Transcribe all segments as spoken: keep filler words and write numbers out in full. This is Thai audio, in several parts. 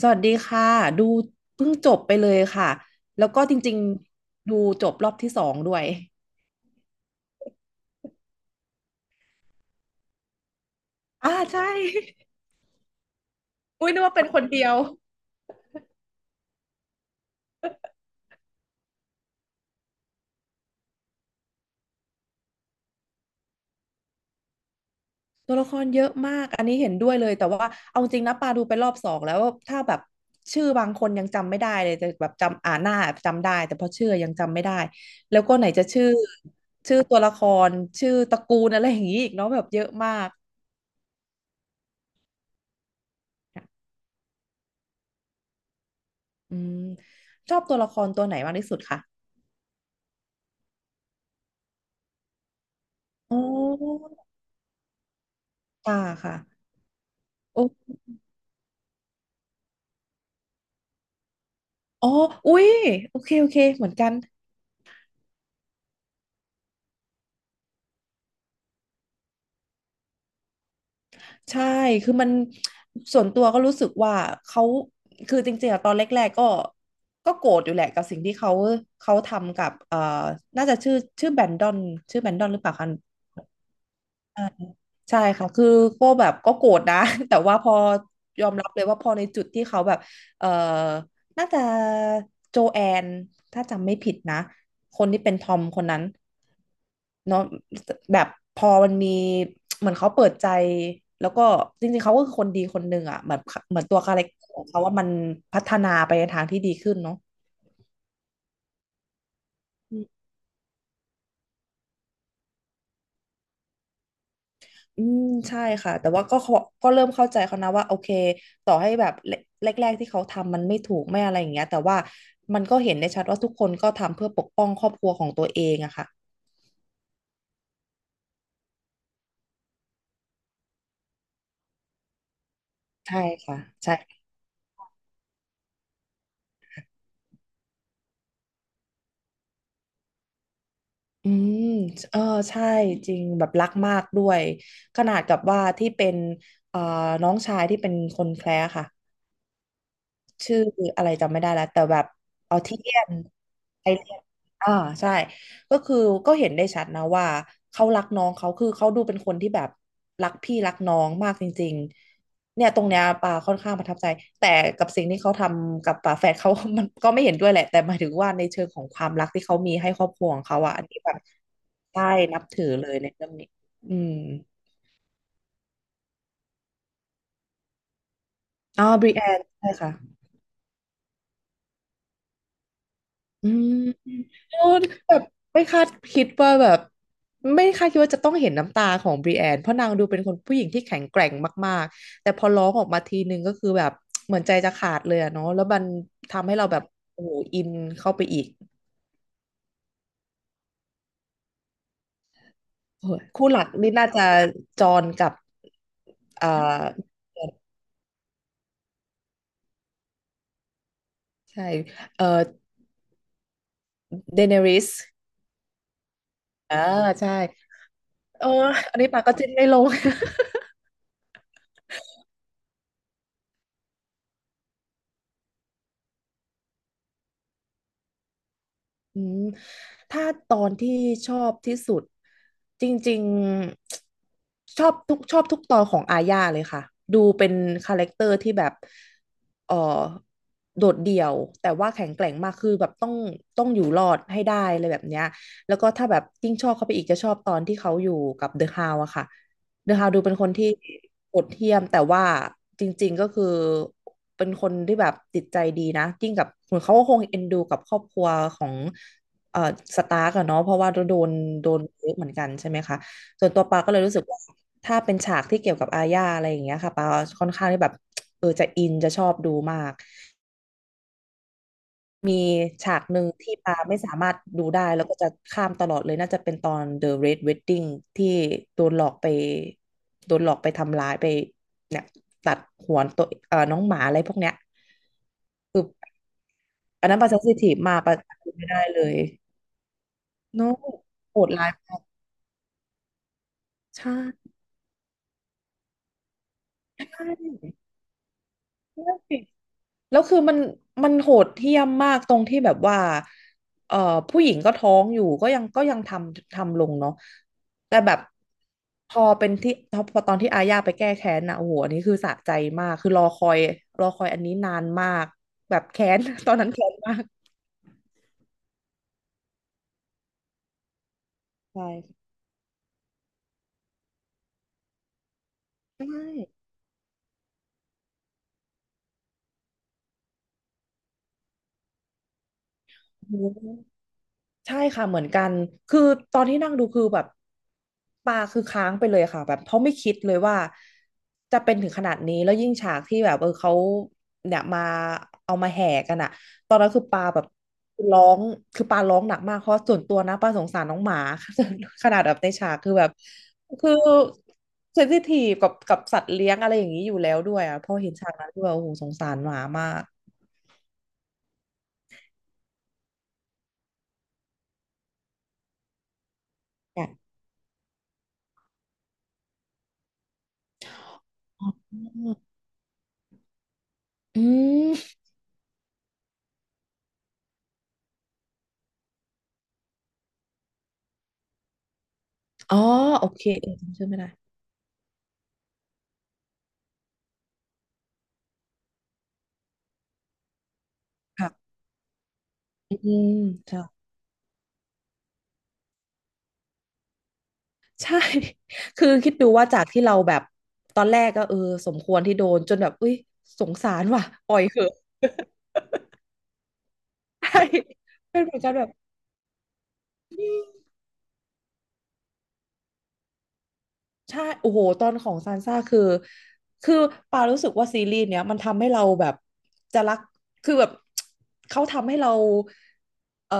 สวัสดีค่ะดูเพิ่งจบไปเลยค่ะแล้วก็จริงๆดูจบรอบที่สองด้วยอ่าใช่ อุ้ยนึกว่าเป็นคนเดียวตัวละครเยอะมากอันนี้เห็นด้วยเลยแต่ว่าเอาจริงนะปาดูไปรอบสองแล้วถ้าแบบชื่อบางคนยังจำไม่ได้เลยแต่แบบจำอ่านหน้าจำได้แต่พอชื่อยังจำไม่ได้แล้วก็ไหนจะชื่อชื่อตัวละครชื่อตระกูลอะไรอย่างนี้อีกเนาะแบบเยอะมากอืมชอบตัวละครตัวไหนมากที่สุดคะโอ้ค่ะค่ะโอ้ อ๋ออุ๊ยโอเค โอเค เหมือนกัน ใช่ คือมันส่วนตัวก็รู้สึกว่าเขาคือจริงๆอะตอนแรกๆ ก็ก็โกรธอยู่แหละกับสิ่งที่เขาเขาทำกับเอ่อน่าจะชื่อชื่อแบนดอนชื่อแบนดอนหรือเปล่าคะ ใช่ค่ะ คือก็แบบก็โกรธนะ แต่ว่าพอยอมรับเลยว่าพอในจุดที่เขาแบบเออน่าจะโจแอน ถ้าจำไม่ผิดนะ คนที่เป็นทอมคนนั้นเนาะแบบพอมันมีเหมือนเขาเปิดใจแล้วก็จริงๆเขาก็คือคนดีคนหนึ่งอ่ะเหมือนเหมือนตัวคาแรคเตอร์ของเขาว่ามันพัฒนาไปในทางที่ดีขึ้นเนาะ อืมใช่ค่ะแต่ว่าก็เขาก็เริ่มเข้าใจเขานะว่าโอเคต่อให้แบบแรกแรกๆที่เขาทำมันไม่ถูกไม่อะไรอย่างเงี้ยแต่ว่ามันก็เห็นได้ชัดว่าทุกคนก็ทำเพื่อปกป้องครอบครัวของตัวเองอะค่ะใช่ค่ะใช่อืมเออใช่จริงแบบรักมากด้วยขนาดกับว่าที่เป็นเอ่อน้องชายที่เป็นคนแคระค่ะ ชื่ออะไรจำไม่ได้แล้วแต่แบบออทิเลียนไอเลียนอ่าใช่ก็คือก็เห็นได้ชัดนะว่าเขารักน้องเขาคือเขาดูเป็นคนที่แบบรักพี่รักน้องมากจริงๆเนี่ยตรงเนี้ยปาค่อนข้างประทับใจแต่กับสิ่งที่เขาทำกับป่าแฝดเขา มันก็ไม่เห็นด้วยแหละแต่หมายถึงว่าในเชิงของความรักที่เขามีให้ครอบครัวของเขาอะอันนี้แบบใช่นับถือเลยในเรื่องนี้อืมอ๋อบริแอนใช่ค่ะอืม โอ้แบบไม่คาดคิดว่าแบบไม่คาดคิดว่าจะต้องเห็นน้ำตาของบรีแอนเพราะนางดูเป็นคนผู้หญิงที่แข็งแกร่งมากๆแต่พอร้องออกมาทีนึงก็คือแบบเหมือนใจจะขาดเลยอะเนาะแล้วมันทำให้เราแบบโอ้โหอินเข้าไปอีกโอ้ยคู่หลักนี่น่าจะจอห์นกับอ่าใช่เอ่อเดเนริสอ่าใช่เอออันนี้ปากก็จิ้นไม่ลง อืมถ้าตอนที่ชอบที่สุดจริงๆชอบทุกชอบทุกตอนของอาญาเลยค่ะดูเป็นคาแรคเตอร์ที่แบบเออโดดเดี่ยวแต่ว่าแข็งแกร่งมากคือแบบต้องต้องอยู่รอดให้ได้อะไรแบบเนี้ยแล้วก็ถ้าแบบยิ่งชอบเข้าไปอีกจะชอบตอนที่เขาอยู่กับเดอะฮาวอะค่ะ เดอะฮาวดูเป็นคนที่โหดเหี้ยมแต่ว่าจริงๆก็คือเป็นคนที่แบบจิตใจดีนะยิ่งกับเหมือนเขาก็คงเอ็นดูกับครอบครัวของเอ่อสตาร์กอะเนาะเพราะว่าโดนโดนเยอะเหมือนกันใช่ไหมคะส่วนตัวปาก็เลยรู้สึกว่าถ้าเป็นฉากที่เกี่ยวกับอาญาอะไรอย่างเงี้ยค่ะปาค่อนข้างที่แบบเออจะอินจะชอบดูมาก มีฉากหนึ่งที่ปาไม่สามารถดูได้แล้วก็จะข้ามตลอดเลยน่าจะเป็นตอน เดอะ เรด เว็ดดิ้ง ที่โดนหลอกไปโดนหลอกไปทำร้ายไปเนี่ยตัดหัวตัวเอ่อน้องหมาอะไรพวกเนี้ยคืออันนั้นปาเซนซิทีฟมากปาดูไม่ได้เลยเน้อะโหดร้ายมากใช่ใช่ แล้วคือมันมันโหดเหี้ยมมากตรงที่แบบว่าเอ่อผู้หญิงก็ท้องอยู่ก็ยังก็ยังทำทำลงเนาะแต่แบบพอเป็นที่พอตอนที่อาญาไปแก้แค้นนะโอ้โหอันนี้คือสะใจมากคือรอคอยรอคอยอันนี้นานมากแบบแค้น ตอนนั้นแค้นมากใช่ใช่โอ้โห ใช่ค่ะเหมือนกันคือตอนที่นั่งดูคือแบบตาคือค้างไปเลยค่ะแบบเขาะไม่คิดเลยว่าจะเป็นถึงขนาดนี้แล้วยิ่งฉากที่แบบเออเขาเนี่ยมาเอามาแห่กันอะตอนนั้นคือปาแบบร้องคือปาร้องหนักมากเพราะส่วนตัวนะปาสงสารน้องหมา ขนาดแบบในฉากคือแบบคือเซนซิทีฟกับกับสัตว์เลี้ยงอะไรอย่างนี้อยู่แล้วด้วยอะพอเห็นฉากนั้นคือแบบโอ้โหสงสารหมามากค่อออืมอ๋อโอเคเออจำชื่อไม่ได้ ค่ะอืมใช่ใช่ คือคิดดูว่าจากที่เราแบบ ตอนแรกก็เออสมควรที่โดนจนแบบอุ้ยสงสารว่ะปล่อยเถอะ ใช่ เป็นเหมือนกันแบบ ใช่โอ้โหตอนของซานซ่าคือ คือปารู้สึกว่าซีรีส์เนี้ยมันทำให้เราแบบจะรัก คือแบบ เขาทำให้เราเอ่อ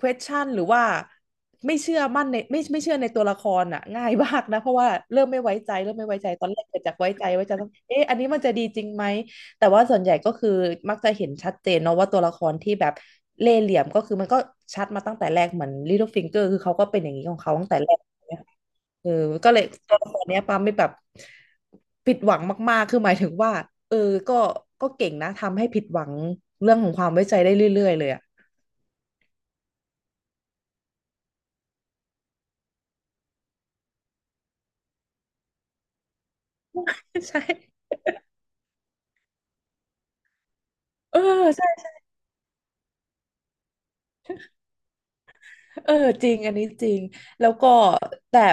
question หรือว่าไม่เชื่อมั่นในไม่ไม่เชื่อในตัวละครอ่ะง่ายมากนะเพราะว่าเริ่มไม่ไว้ใจเริ่มไม่ไว้ใจตอนแรกเกิดจากไว้ใจไว้ใจต้องเอ๊ะอันนี้มันจะดีจริงไหม แต่ว่าส่วนใหญ่ก็คือมักจะเห็นชัดเจนเนาะว่าตัวละครที่แบบเล่ห์เหลี่ยมก็คือมันก็ชัดมาตั้งแต่แรกเหมือน Little Finger คือเขาก็เป็นอย่างนี้ของเขาตั้งแต่แรก เออก็เลยตัวละครเนี้ยปาไม่แบบผิดหวังมากๆคือหมายถึงว่าเออก็ก็เก่งนะทำให้ผิดหวังเรื่องของความไว้ใจได้เรื่อยๆเลยอ่ะ ใช่เออใช่เออจริงอันนี้จริงแล้วก็แต่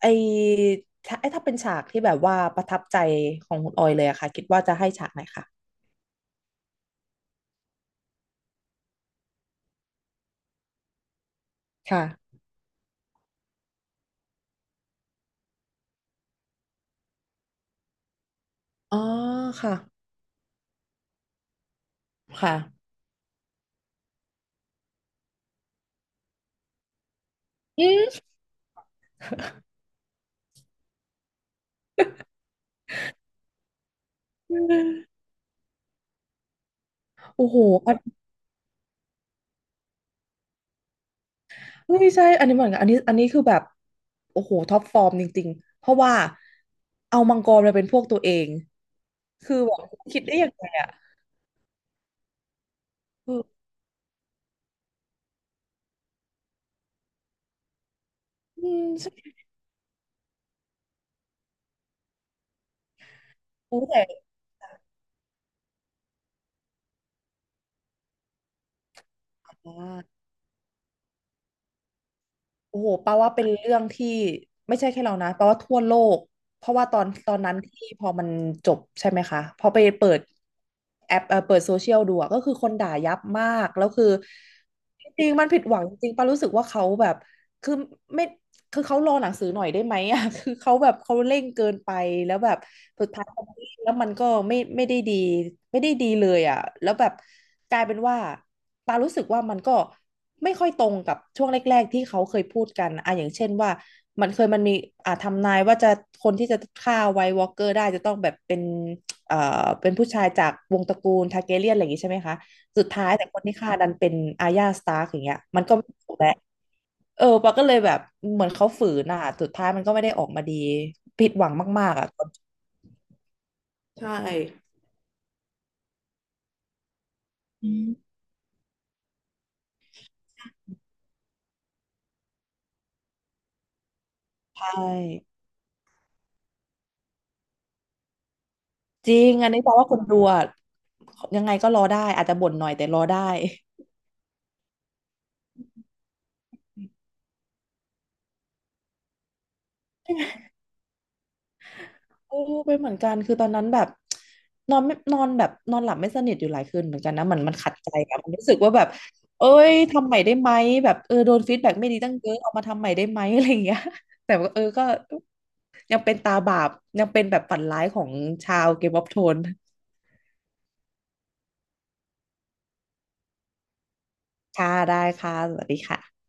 ไอถ้าไอถ้าเป็นฉากที่แบบว่าประทับใจของคุณออยเลยอะค่ะคิดว่าจะให้ฉากไหนคะค่ะอ๋อค่ะค่ะอืมโอ้โห เฮ้ยใช่อันนี้เหมือนกันอันนี้อันนี้คือแบบโอ้โหท็อปฟอร์มจริงๆ เพราะว่าเอามังกรมาเป็นพวกตัวเอง คือแบบคิดได้ยังไงอ่ะเอออืมใช่รู้แต่อ่าโอ้โหปาว่าเป็นเรื่องที่ไม่ใช่แค่เรานะปาว่าทั่วโลกเพราะว่าตอนตอนนั้นที่พอมันจบใช่ไหมคะพอไปเปิดแอปเออเปิดโซเชียลดูอะก็คือคนด่ายับมากแล้วคือจริงๆมันผิดหวังจริงๆปารู้สึกว่าเขาแบบคือไม่ คือเขารอหนังสือหน่อยได้ไหมอ่ะ คือเขาแบบเขาเร่งเกินไปแล้วแบบสุดท้ายเขาไม่แล้วมันก็ไม่ไม่ได้ดีไม่ได้ดีเลยอ่ะแล้วแบบกลายเป็นว่าปารู้สึกว่ามันก็ไม่ค่อยตรงกับช่วงแรกๆที่เขาเคยพูดกันอ่ะอย่างเช่นว่ามันเคยมันมีอ่าทำนายว่าจะคนที่จะฆ่าไวท์วอล์กเกอร์ได้จะต้องแบบเป็นเอ่อเป็นผู้ชายจากวงตระกูลทาร์แกเรียนอะไรอย่างงี้ใช่ไหมคะสุดท้ายแต่คนที่ฆ่าดันเป็นอาร์ยาสตาร์กอย่างเงี้ยมันก็ไม่ถูกแล้ว เออปาก็เลยแบบเหมือนเขาฝืนอ่ะสุดท้ายมันก็ไม่ได้ออกมาดีผิดหวังมากๆอ่ะตอนใช่อืมใช่จริงอันนี้แปลว่าคนดูอะยังไงก็รอได้อาจจะบ่นหน่อยแต่รอได้โอ้เป็นเหมือนกันคือตอนนั้นแบบนอนไม่นอนแบบนอนหลับไม่สนิทอยู่หลายคืนเหมือนกันนะมันมันขัดใจอะมันรู้สึกว่าแบบเอ้ยทำใหม่ได้ไหมแบบเออโดนฟีดแบ็กไม่ดีตั้งเยอะเอามาทำใหม่ได้ไหมอะไรอย่างเงี้ย แต่ว่าเออก็ยังเป็นตาบาปยังเป็นแบบฝันร้ายของชาวเกมออฟโทน ค่ะ ได้ค่ะ สวัสดีค่ะ